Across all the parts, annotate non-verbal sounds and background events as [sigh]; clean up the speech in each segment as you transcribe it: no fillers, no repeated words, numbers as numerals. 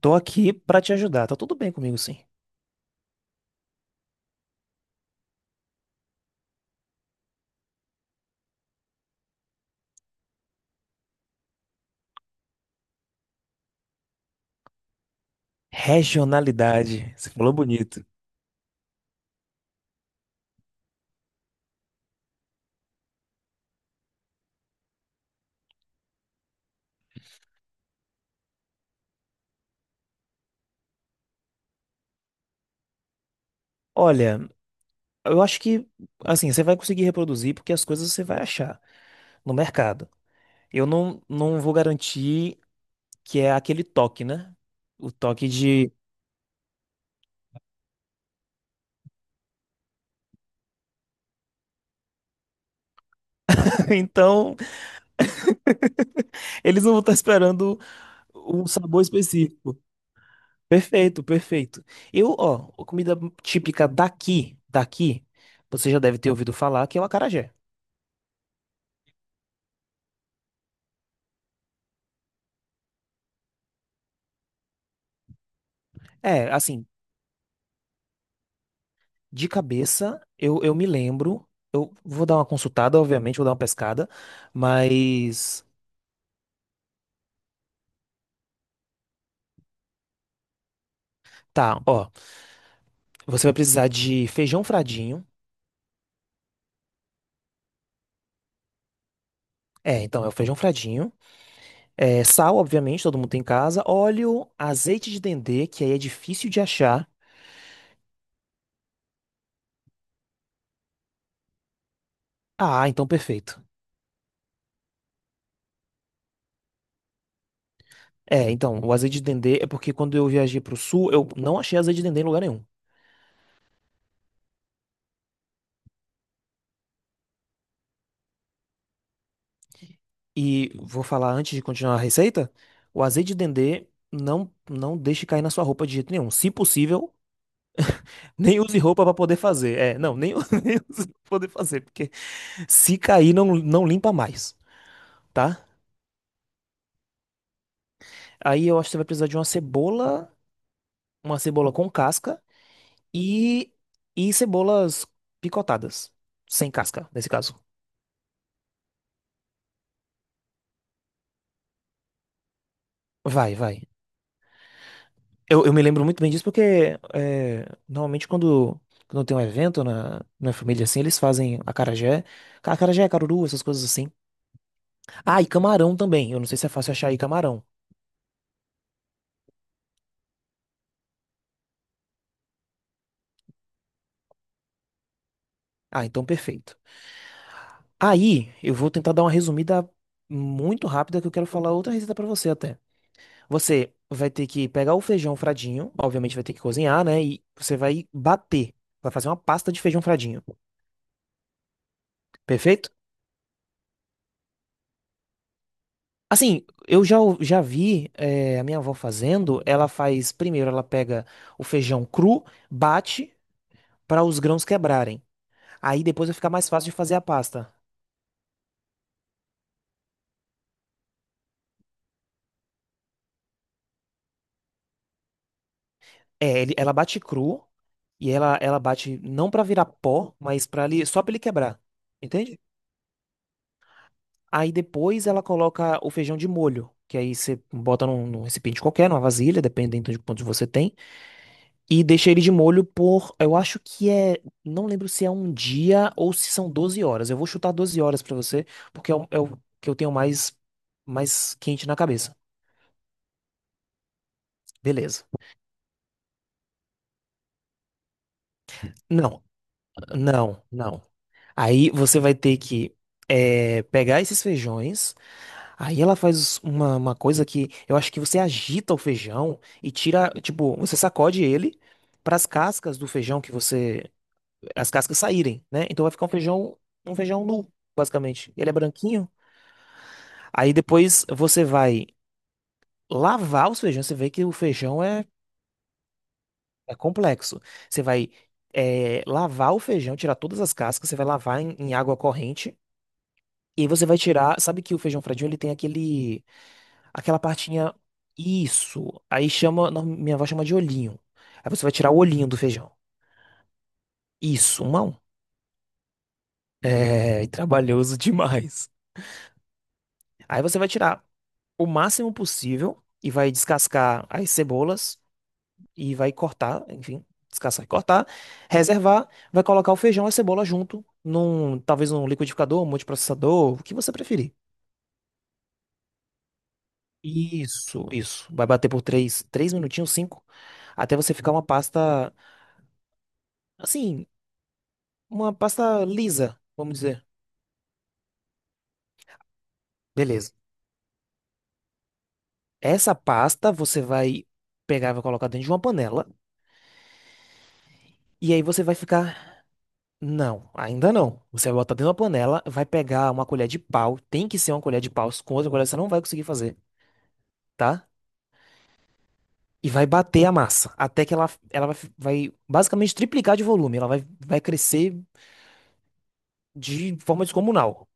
Tô aqui pra te ajudar. Tá tudo bem comigo, sim. Regionalidade. Você falou bonito. Olha, eu acho que assim, você vai conseguir reproduzir porque as coisas você vai achar no mercado. Eu não vou garantir que é aquele toque, né? O toque de. [laughs] Então, eles não vão estar esperando um sabor específico. Perfeito, perfeito. Eu, ó, a comida típica daqui, daqui, você já deve ter ouvido falar que é o acarajé. É, assim, de cabeça, eu me lembro. Eu vou dar uma consultada, obviamente, vou dar uma pescada. Mas. Tá, ó. Você vai precisar de feijão fradinho. É, então é o feijão fradinho. É, sal, obviamente, todo mundo tem em casa. Óleo, azeite de dendê, que aí é difícil de achar. Ah, então perfeito. É, então, o azeite de dendê é porque quando eu viajei pro sul, eu não achei azeite de dendê em lugar nenhum. E vou falar antes de continuar a receita: o azeite de dendê não deixe cair na sua roupa de jeito nenhum. Se possível. Nem use roupa pra poder fazer. É, não, nem, [laughs] nem use pra poder fazer, porque se cair, não limpa mais, tá? Aí eu acho que você vai precisar de uma cebola com casca e, e cebolas picotadas, sem casca, nesse caso. Vai, vai. Eu me lembro muito bem disso porque é, normalmente quando tem um evento na família assim, eles fazem acarajé, acarajé, caruru, essas coisas assim. Ah, e camarão também. Eu não sei se é fácil achar aí camarão. Ah, então perfeito. Aí, eu vou tentar dar uma resumida muito rápida que eu quero falar outra receita pra você até. Você vai ter que pegar o feijão fradinho, obviamente vai ter que cozinhar, né? E você vai bater, vai fazer uma pasta de feijão fradinho. Perfeito? Assim, eu já, já vi a minha avó fazendo. Ela faz primeiro, ela pega o feijão cru, bate para os grãos quebrarem. Aí depois vai ficar mais fácil de fazer a pasta. É, ela bate cru e ela bate não pra virar pó, mas para ali só pra ele quebrar, entende? Aí depois ela coloca o feijão de molho, que aí você bota num recipiente qualquer, numa vasilha, dependendo de quantos você tem, e deixa ele de molho por, eu acho que é, não lembro se é um dia ou se são 12 horas. Eu vou chutar 12 horas pra você, porque é o, é o que eu tenho mais quente na cabeça. Beleza. Não, não, não. Aí você vai ter que pegar esses feijões. Aí ela faz uma coisa que eu acho que você agita o feijão e tira, tipo, você sacode ele para as cascas do feijão as cascas saírem, né? Então vai ficar um feijão nu, basicamente. Ele é branquinho. Aí depois você vai lavar os feijões. Você vê que o feijão é complexo. Você vai lavar o feijão, tirar todas as cascas. Você vai lavar em água corrente. E aí você vai tirar, sabe que o feijão fradinho ele tem aquele, aquela partinha, isso, aí chama, não, minha avó chama de olhinho. Aí você vai tirar o olhinho do feijão. Isso, um a um. É, e trabalhoso demais. Aí você vai tirar o máximo possível e vai descascar as cebolas e vai cortar, enfim, descascar e cortar, reservar, vai colocar o feijão e a cebola junto num, talvez num liquidificador, um multiprocessador, o que você preferir. Isso, isso. Vai bater por três minutinhos, cinco, até você ficar uma pasta, assim, uma pasta lisa, vamos dizer. Beleza. Essa pasta você vai pegar e vai colocar dentro de uma panela. E aí você vai ficar. Não, ainda não. Você vai botar dentro da panela, vai pegar uma colher de pau. Tem que ser uma colher de pau. Com outra colher você não vai conseguir fazer, tá? E vai bater a massa. Até que ela vai, vai basicamente triplicar de volume. Ela vai, vai crescer de forma descomunal.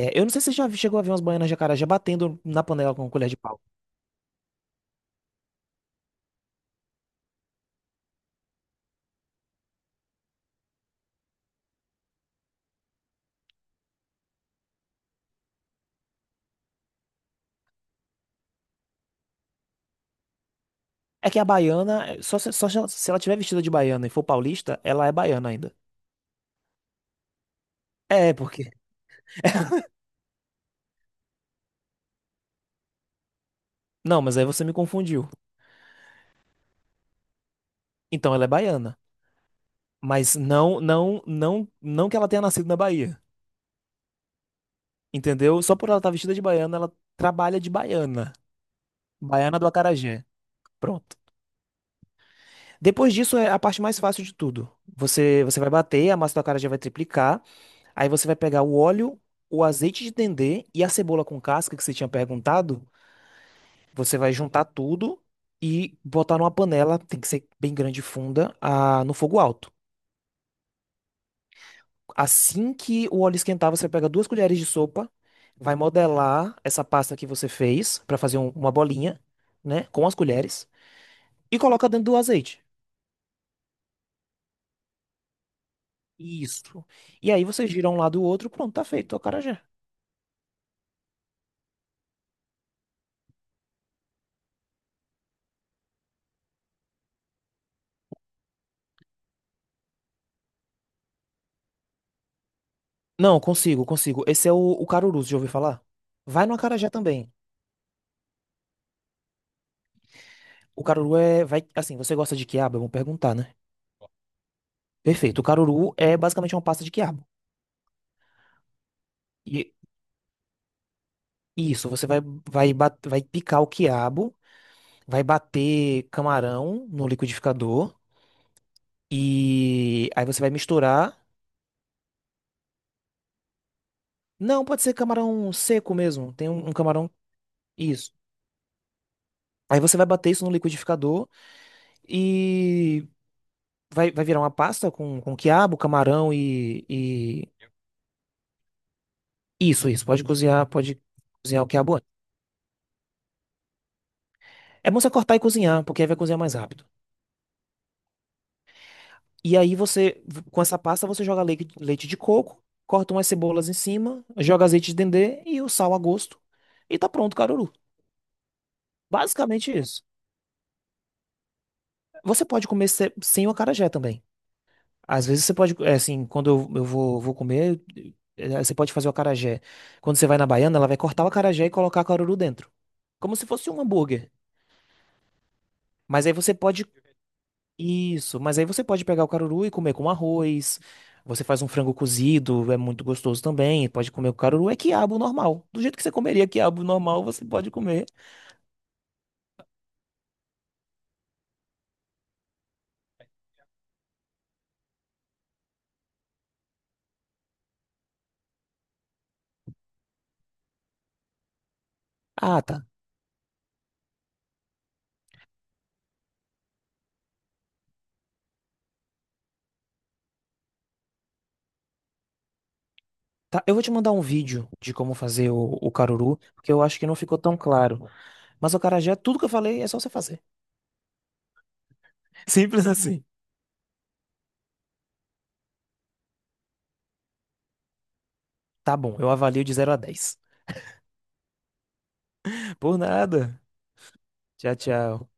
É, eu não sei se você já chegou a ver umas baianas de acarajé batendo na panela com colher de pau. É que a baiana, é, só, só se ela tiver vestida de baiana e for paulista, ela é baiana ainda. É, porque. [laughs] Não, mas aí você me confundiu. Então ela é baiana. Mas não, não, não, não que ela tenha nascido na Bahia. Entendeu? Só por ela estar vestida de baiana, ela trabalha de baiana. Baiana do acarajé. Pronto. Depois disso é a parte mais fácil de tudo. Você vai bater, a massa do acarajé vai triplicar. Aí você vai pegar o óleo, o azeite de dendê e a cebola com casca que você tinha perguntado. Você vai juntar tudo e botar numa panela, tem que ser bem grande e funda, ah, no fogo alto. Assim que o óleo esquentar, você pega 2 colheres de sopa, vai modelar essa pasta que você fez para fazer uma bolinha, né, com as colheres e coloca dentro do azeite. Isso. E aí você gira um lado e o outro, pronto, tá feito, é o acarajé. Não, consigo, consigo. Esse é o caruru, já ouviu falar? Vai no acarajé também. O caruru é, vai, assim, você gosta de quiabo? Vamos perguntar, né? Perfeito. O caruru é basicamente uma pasta de quiabo. E isso, você vai, vai picar o quiabo, vai bater camarão no liquidificador e aí você vai misturar. Não, pode ser camarão seco mesmo. Tem um camarão. Isso. Aí você vai bater isso no liquidificador e vai, vai virar uma pasta com quiabo, camarão e. Isso, isso. Pode cozinhar o quiabo antes. É bom você cortar e cozinhar, porque aí vai cozinhar mais rápido. E aí você, com essa pasta, você joga leite, leite de coco, corta umas cebolas em cima, joga azeite de dendê e o sal a gosto. E tá pronto, o caruru. Basicamente isso. Você pode comer sem o acarajé também. Às vezes você pode, é, assim, quando eu vou, vou comer, você pode fazer o acarajé. Quando você vai na baiana, ela vai cortar o acarajé e colocar o caruru dentro. Como se fosse um hambúrguer. Mas aí você pode. Isso, mas aí você pode pegar o caruru e comer com arroz. Você faz um frango cozido, é muito gostoso também. Pode comer o caruru, é quiabo normal. Do jeito que você comeria quiabo normal, você pode comer. Ah, tá. Tá, eu vou te mandar um vídeo de como fazer o caruru, porque eu acho que não ficou tão claro. Mas o acarajé, tudo que eu falei é só você fazer. [laughs] Simples assim. Tá bom, eu avalio de 0 a 10. Por nada. Tchau, tchau.